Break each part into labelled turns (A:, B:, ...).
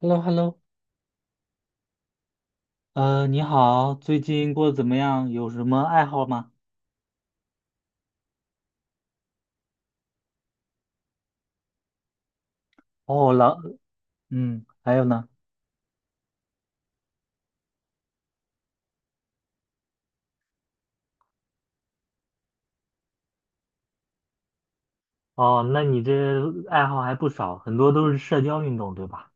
A: h e l l o h e l l o 你好，最近过得怎么样？有什么爱好吗？哦，老。嗯，还有呢？哦，那你这爱好还不少，很多都是社交运动，对吧？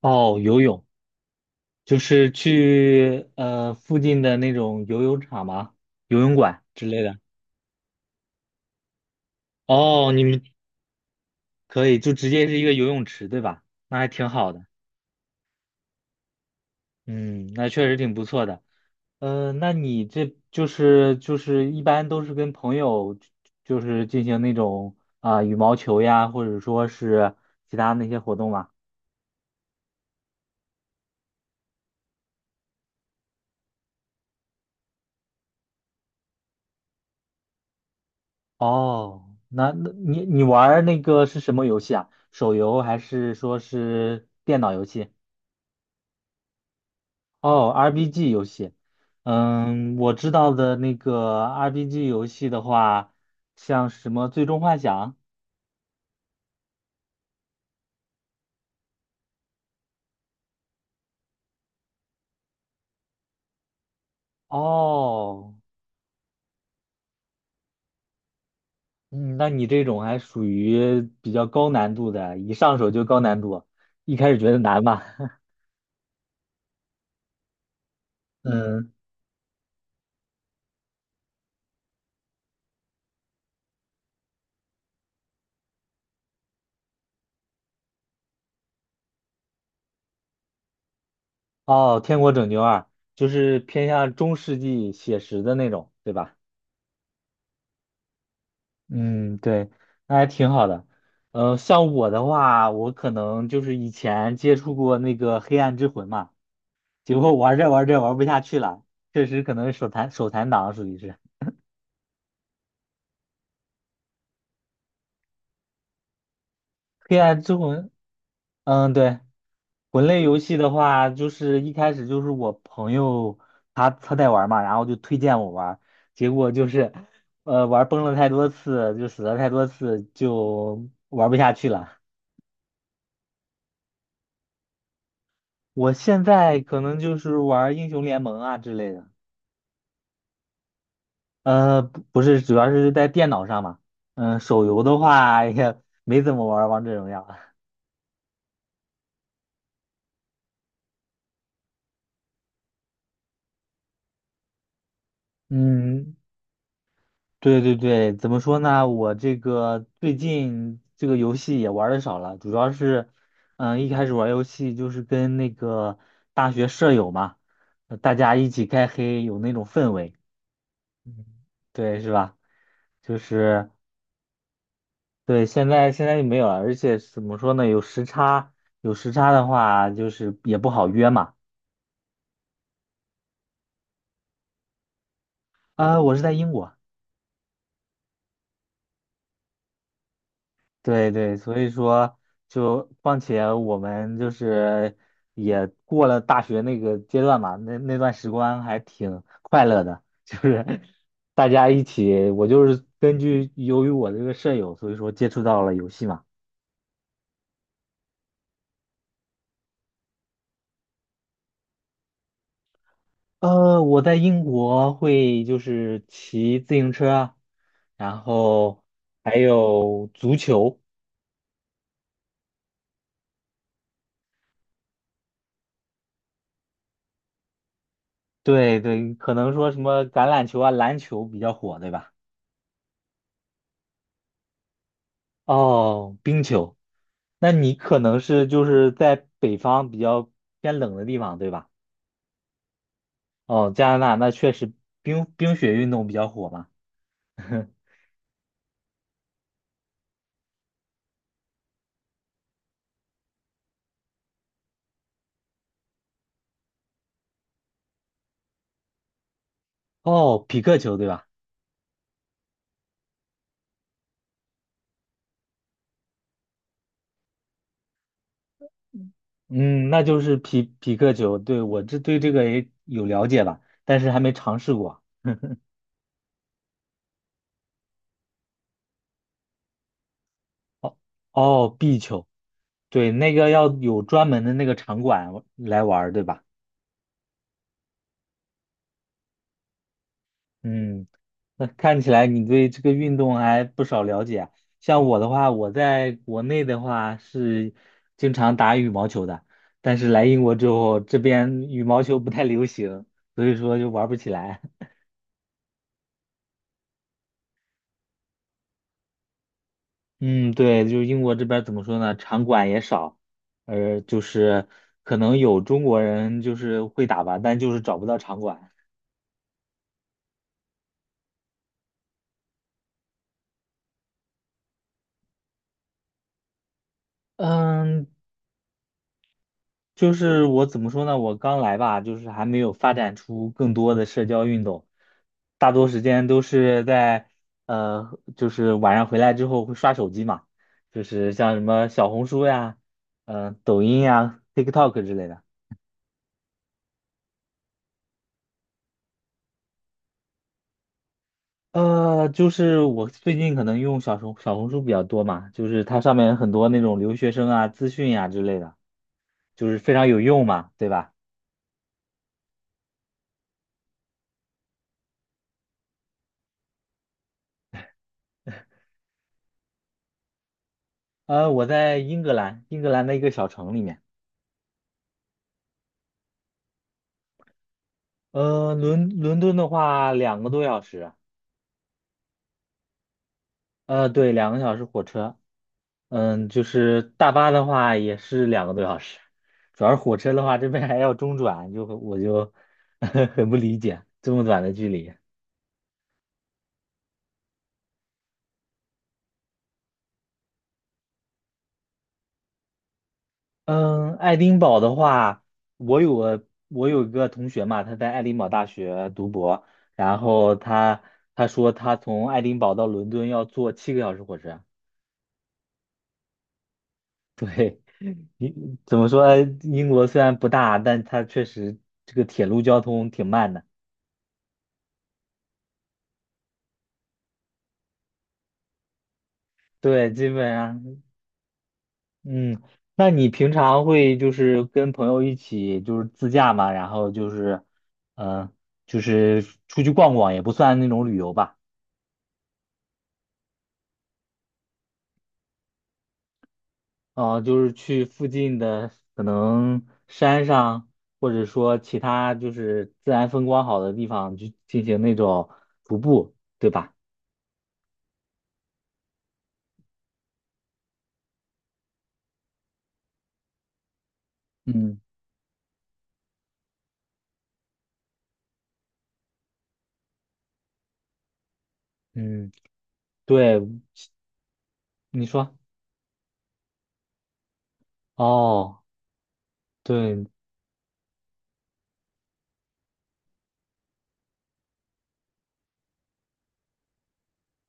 A: 哦，游泳，就是去附近的那种游泳场吗？游泳馆之类的。哦，你们可以就直接是一个游泳池，对吧？那还挺好的。嗯，那确实挺不错的。那你这就是一般都是跟朋友，就是进行那种羽毛球呀，或者说是其他那些活动嘛？哦，那你玩儿那个是什么游戏啊？手游还是说是电脑游戏？哦，RPG 游戏。嗯，我知道的那个 RPG 游戏的话，像什么《最终幻想》。哦。嗯，那你这种还属于比较高难度的，一上手就高难度，一开始觉得难吧？嗯。哦，《天国拯救二》就是偏向中世纪写实的那种，对吧？嗯，对，那还挺好的。呃，像我的话，我可能就是以前接触过那个《黑暗之魂》嘛，结果玩着玩着玩不下去了，确实可能手残党属于是《黑暗之魂》。嗯，对，魂类游戏的话，就是一开始就是我朋友他在玩嘛，然后就推荐我玩儿，结果就是，呃，玩儿崩了太多次，就死了太多次，就玩不下去了。我现在可能就是玩儿英雄联盟啊之类的，不是，主要是在电脑上嘛，手游的话也没怎么玩儿王者荣耀。嗯，对对对，怎么说呢？我这个最近这个游戏也玩的少了，主要是，一开始玩游戏就是跟那个大学舍友嘛，大家一起开黑，有那种氛围，嗯，对，是吧？就是对，现在就没有了，而且怎么说呢？有时差，有时差的话，就是也不好约嘛。我是在英国。对对，所以说就，况且我们就是也过了大学那个阶段嘛，那那段时光还挺快乐的，就是 大家一起，我就是根据由于我这个舍友，所以说接触到了游戏嘛。呃，我在英国会就是骑自行车啊，然后还有足球，对对，可能说什么橄榄球啊、篮球比较火，对吧？哦，冰球。那你可能是就是在北方比较偏冷的地方，对吧？哦，加拿大那确实冰冰雪运动比较火嘛。哦，匹克球对吧？嗯，那就是匹克球，对，我这对这个也有了解吧，但是还没尝试过。哦哦，壁球，对，那个要有专门的那个场馆来玩儿，对吧？嗯，那看起来你对这个运动还不少了解啊。像我的话，我在国内的话是经常打羽毛球的，但是来英国之后，这边羽毛球不太流行，所以说就玩不起来。嗯，对，就是英国这边儿怎么说呢，场馆也少，呃，就是可能有中国人就是会打吧，但就是找不到场馆。嗯，就是我怎么说呢？我刚来吧，就是还没有发展出更多的社交运动，大多时间都是在，呃，就是晚上回来之后会刷手机嘛，就是像什么小红书呀、抖音呀、TikTok 之类的。呃，就是我最近可能用小红书比较多嘛，就是它上面很多那种留学生啊、资讯呀、之类的，就是非常有用嘛，对吧？呃，我在英格兰，英格兰的一个小城里面。呃，伦敦的话，两个多小时。呃，对，2个小时火车。嗯，就是大巴的话也是两个多小时，主要是火车的话，这边还要中转，就我就 很不理解这么短的距离。嗯，爱丁堡的话，我有一个同学嘛，他在爱丁堡大学读博，然后他说他从爱丁堡到伦敦要坐7个小时火车。对，你怎么说？英国虽然不大，但它确实这个铁路交通挺慢的。对，基本上，嗯，那你平常会就是跟朋友一起就是自驾嘛，然后就是，嗯，就是出去逛逛，也不算那种旅游吧，哦，就是去附近的可能山上，或者说其他就是自然风光好的地方去进行那种徒步，对吧？嗯嗯，对，你说。哦，对，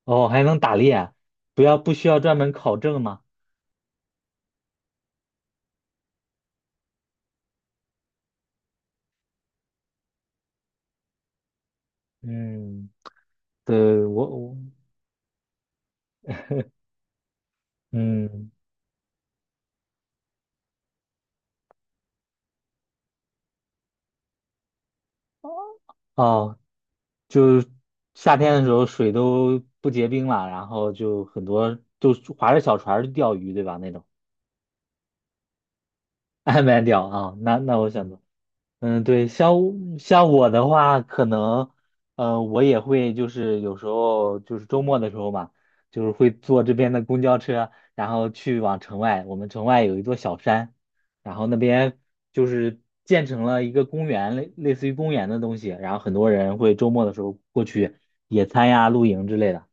A: 哦，还能打猎啊，不不需要专门考证吗？嗯，对，我我嗯，哦，就是夏天的时候水都不结冰了，然后就很多就划着小船儿去钓鱼，对吧？那种。 岸边钓啊，那那我想嗯，对，像我的话，可能，呃，我也会就是有时候就是周末的时候嘛，就是会坐这边的公交车，然后去往城外。我们城外有一座小山，然后那边就是建成了一个公园，类似于公园的东西，然后很多人会周末的时候过去野餐呀、露营之类的。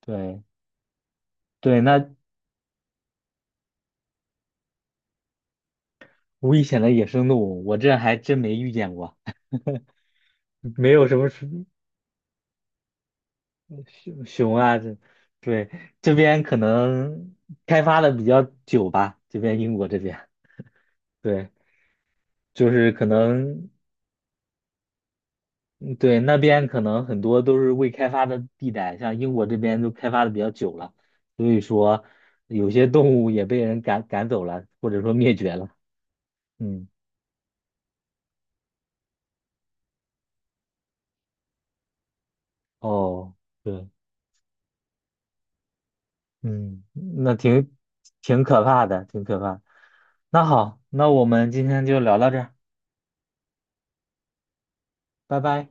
A: 对对，那危险的野生动物，我这还真没遇见过。没有什么事，熊熊啊，这对，这边可能开发的比较久吧，这边英国这边，对，就是可能嗯，对，那边可能很多都是未开发的地带，像英国这边都开发的比较久了，所以说有些动物也被人赶走了，或者说灭绝了。嗯，哦，对，嗯，那挺可怕的，挺可怕的，那好，那我们今天就聊到这儿，拜拜。